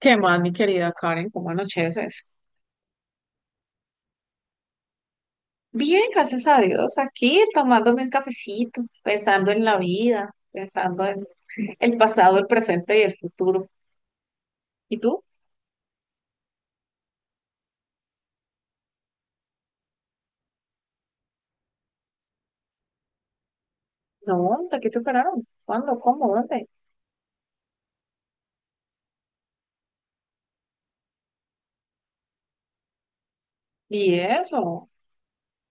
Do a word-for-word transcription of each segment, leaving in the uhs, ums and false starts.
¿Qué más, mi querida Karen? ¿Cómo anocheces? Bien, gracias a Dios, aquí tomándome un cafecito, pensando en la vida, pensando en el pasado, el presente y el futuro. ¿Y tú? No, ¿de qué te operaron? ¿Cuándo? ¿Cómo? ¿Dónde? ¿Y eso?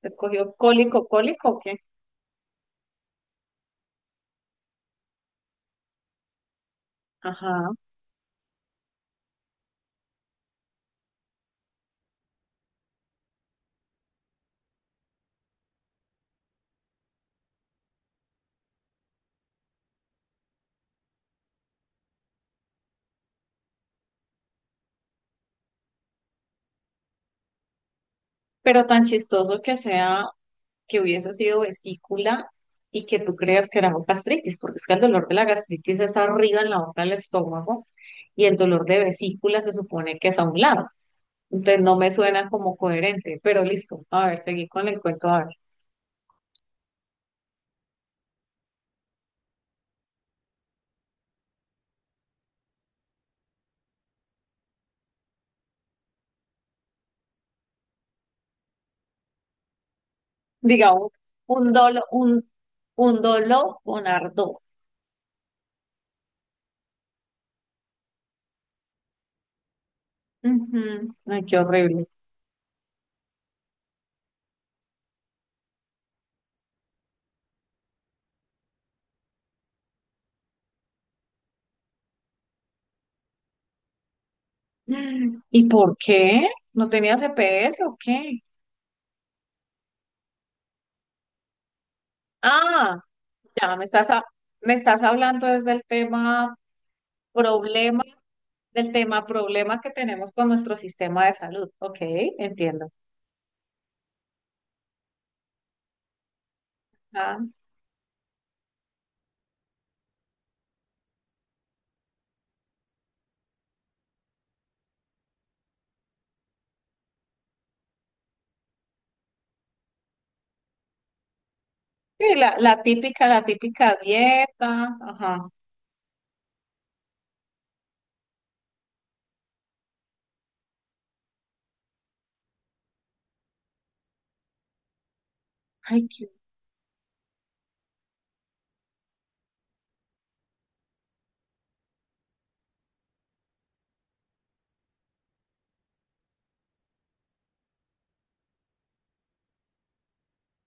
¿Te cogió cólico, cólico o qué? Ajá. Pero tan chistoso que sea que hubiese sido vesícula y que tú creas que era gastritis, porque es que el dolor de la gastritis es arriba en la boca del estómago y el dolor de vesícula se supone que es a un lado. Entonces no me suena como coherente, pero listo. A ver, seguí con el cuento. A ver. Digamos, un dolo, un, un dolo con ardor. Ujú. Ay, qué horrible. ¿Y por qué? ¿No tenía C P S o qué? Ah, ya me estás, ha- me estás hablando desde el tema problema, del tema problema que tenemos con nuestro sistema de salud. Ok, entiendo. Ah, sí, la, la típica, la típica dieta. Ajá. Ay, qué.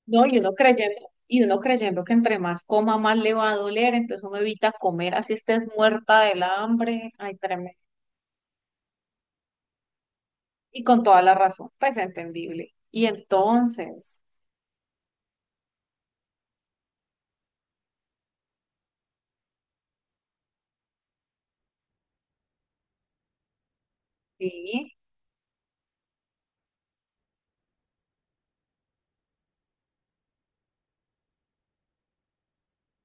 No, y uno creyendo, y uno creyendo que entre más coma, más le va a doler, entonces uno evita comer, así estés muerta del hambre, ay, tremendo. Y con toda la razón, pues entendible. Y entonces, sí,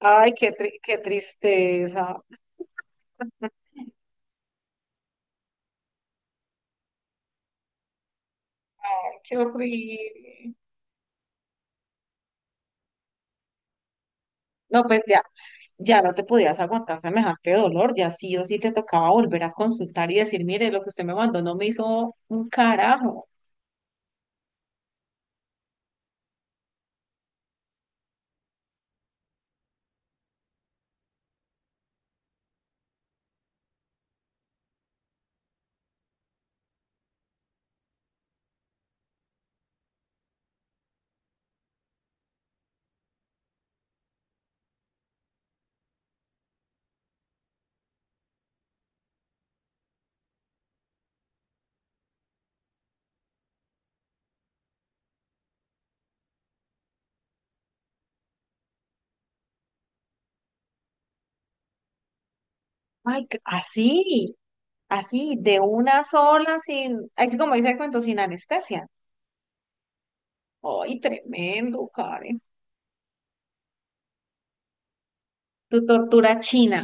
ay, qué, tri- qué tristeza, ay, qué horrible. No, pues ya, ya no te podías aguantar semejante dolor, ya sí o sí te tocaba volver a consultar y decir, mire, lo que usted me mandó no me hizo un carajo. Ay, qué- así. Así, de una sola, sin, así como dice el cuento, sin anestesia. ¡Ay, tremendo, Karen! Tu tortura china.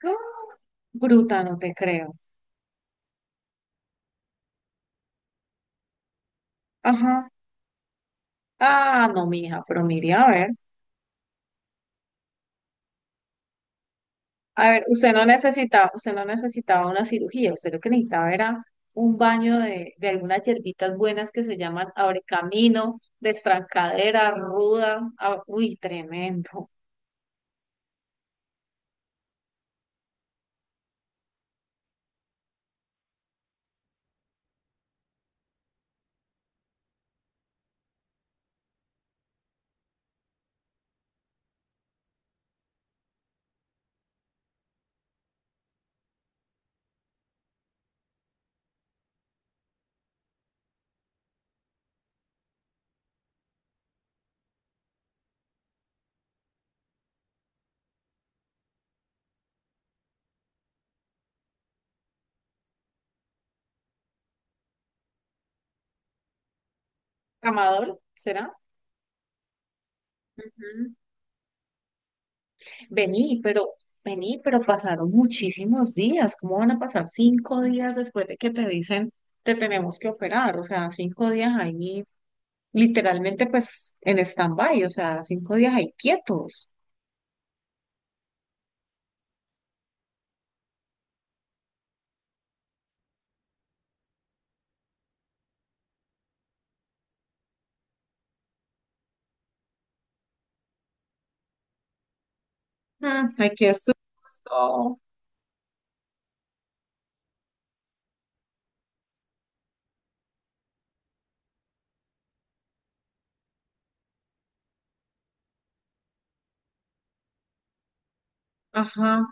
¡Ah! Bruta, no te creo. Ajá. Ah, no, mija, pero mire, a ver. A ver, usted no necesitaba, usted no necesitaba una cirugía, usted lo que necesitaba era un baño de, de algunas hierbitas buenas que se llaman abrecamino, destrancadera, ruda. Ah, uy, tremendo. ¿Amador? ¿Será? Ujú. Vení, pero, vení, pero pasaron muchísimos días. ¿Cómo van a pasar cinco días después de que te dicen te tenemos que operar? O sea, cinco días ahí, literalmente, pues, en stand-by, o sea, cinco días ahí quietos. Mm, aquí estuvimos todo. Ajá.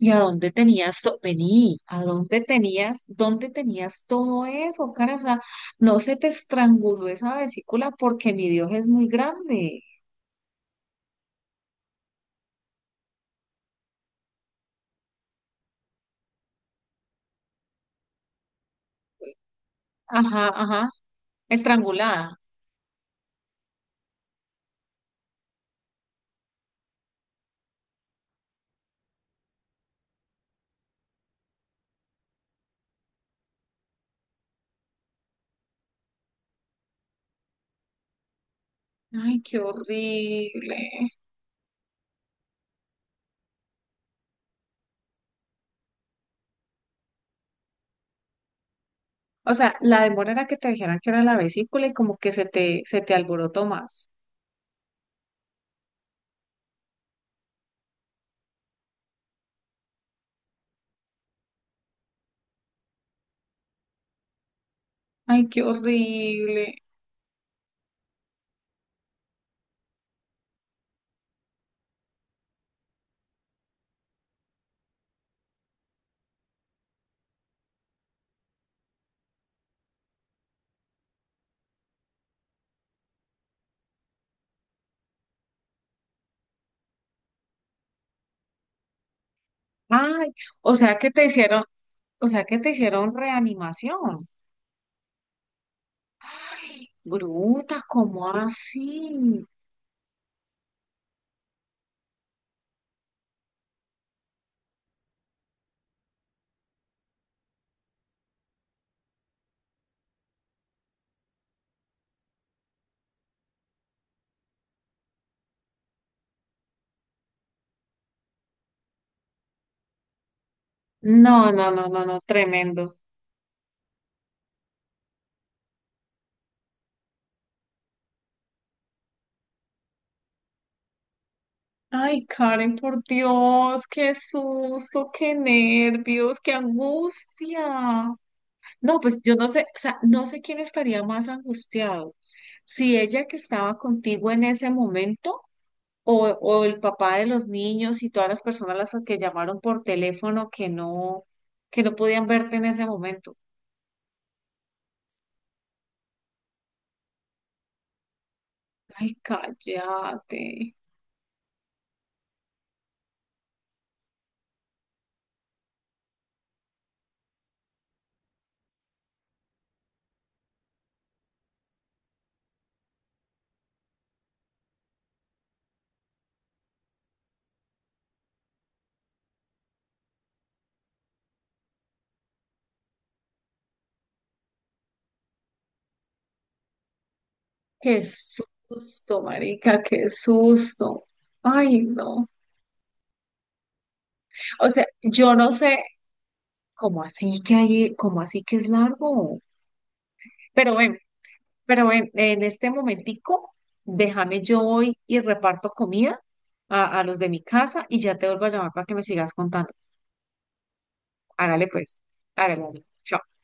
¿Y a dónde tenías todo? Vení, ¿a dónde tenías, ¿dónde tenías todo eso, cara? O sea, no se te estranguló esa vesícula porque mi Dios es muy grande. Ajá, ajá. Estrangulada. Ay, qué horrible. O sea, la demora era que te dijeran que era la vesícula y como que se te, se te alborotó más. Ay, qué horrible. Ay, o sea que te hicieron, o sea que te hicieron reanimación. Ay, bruta, ¿cómo así? No, no, no, no, no, tremendo. Ay, Karen, por Dios, qué susto, qué nervios, qué angustia. No, pues yo no sé, o sea, no sé quién estaría más angustiado, si ella que estaba contigo en ese momento o, o el papá de los niños y todas las personas las que llamaron por teléfono que no, que no podían verte en ese momento. Ay, cállate. Qué susto, marica, qué susto. Ay, no. O sea, yo no sé cómo así que hay, cómo así que es largo. Pero bueno, pero en, en este momentico, déjame yo hoy y reparto comida a, a los de mi casa y ya te vuelvo a llamar para que me sigas contando. Hágale pues, hágale. Hágale. Chao.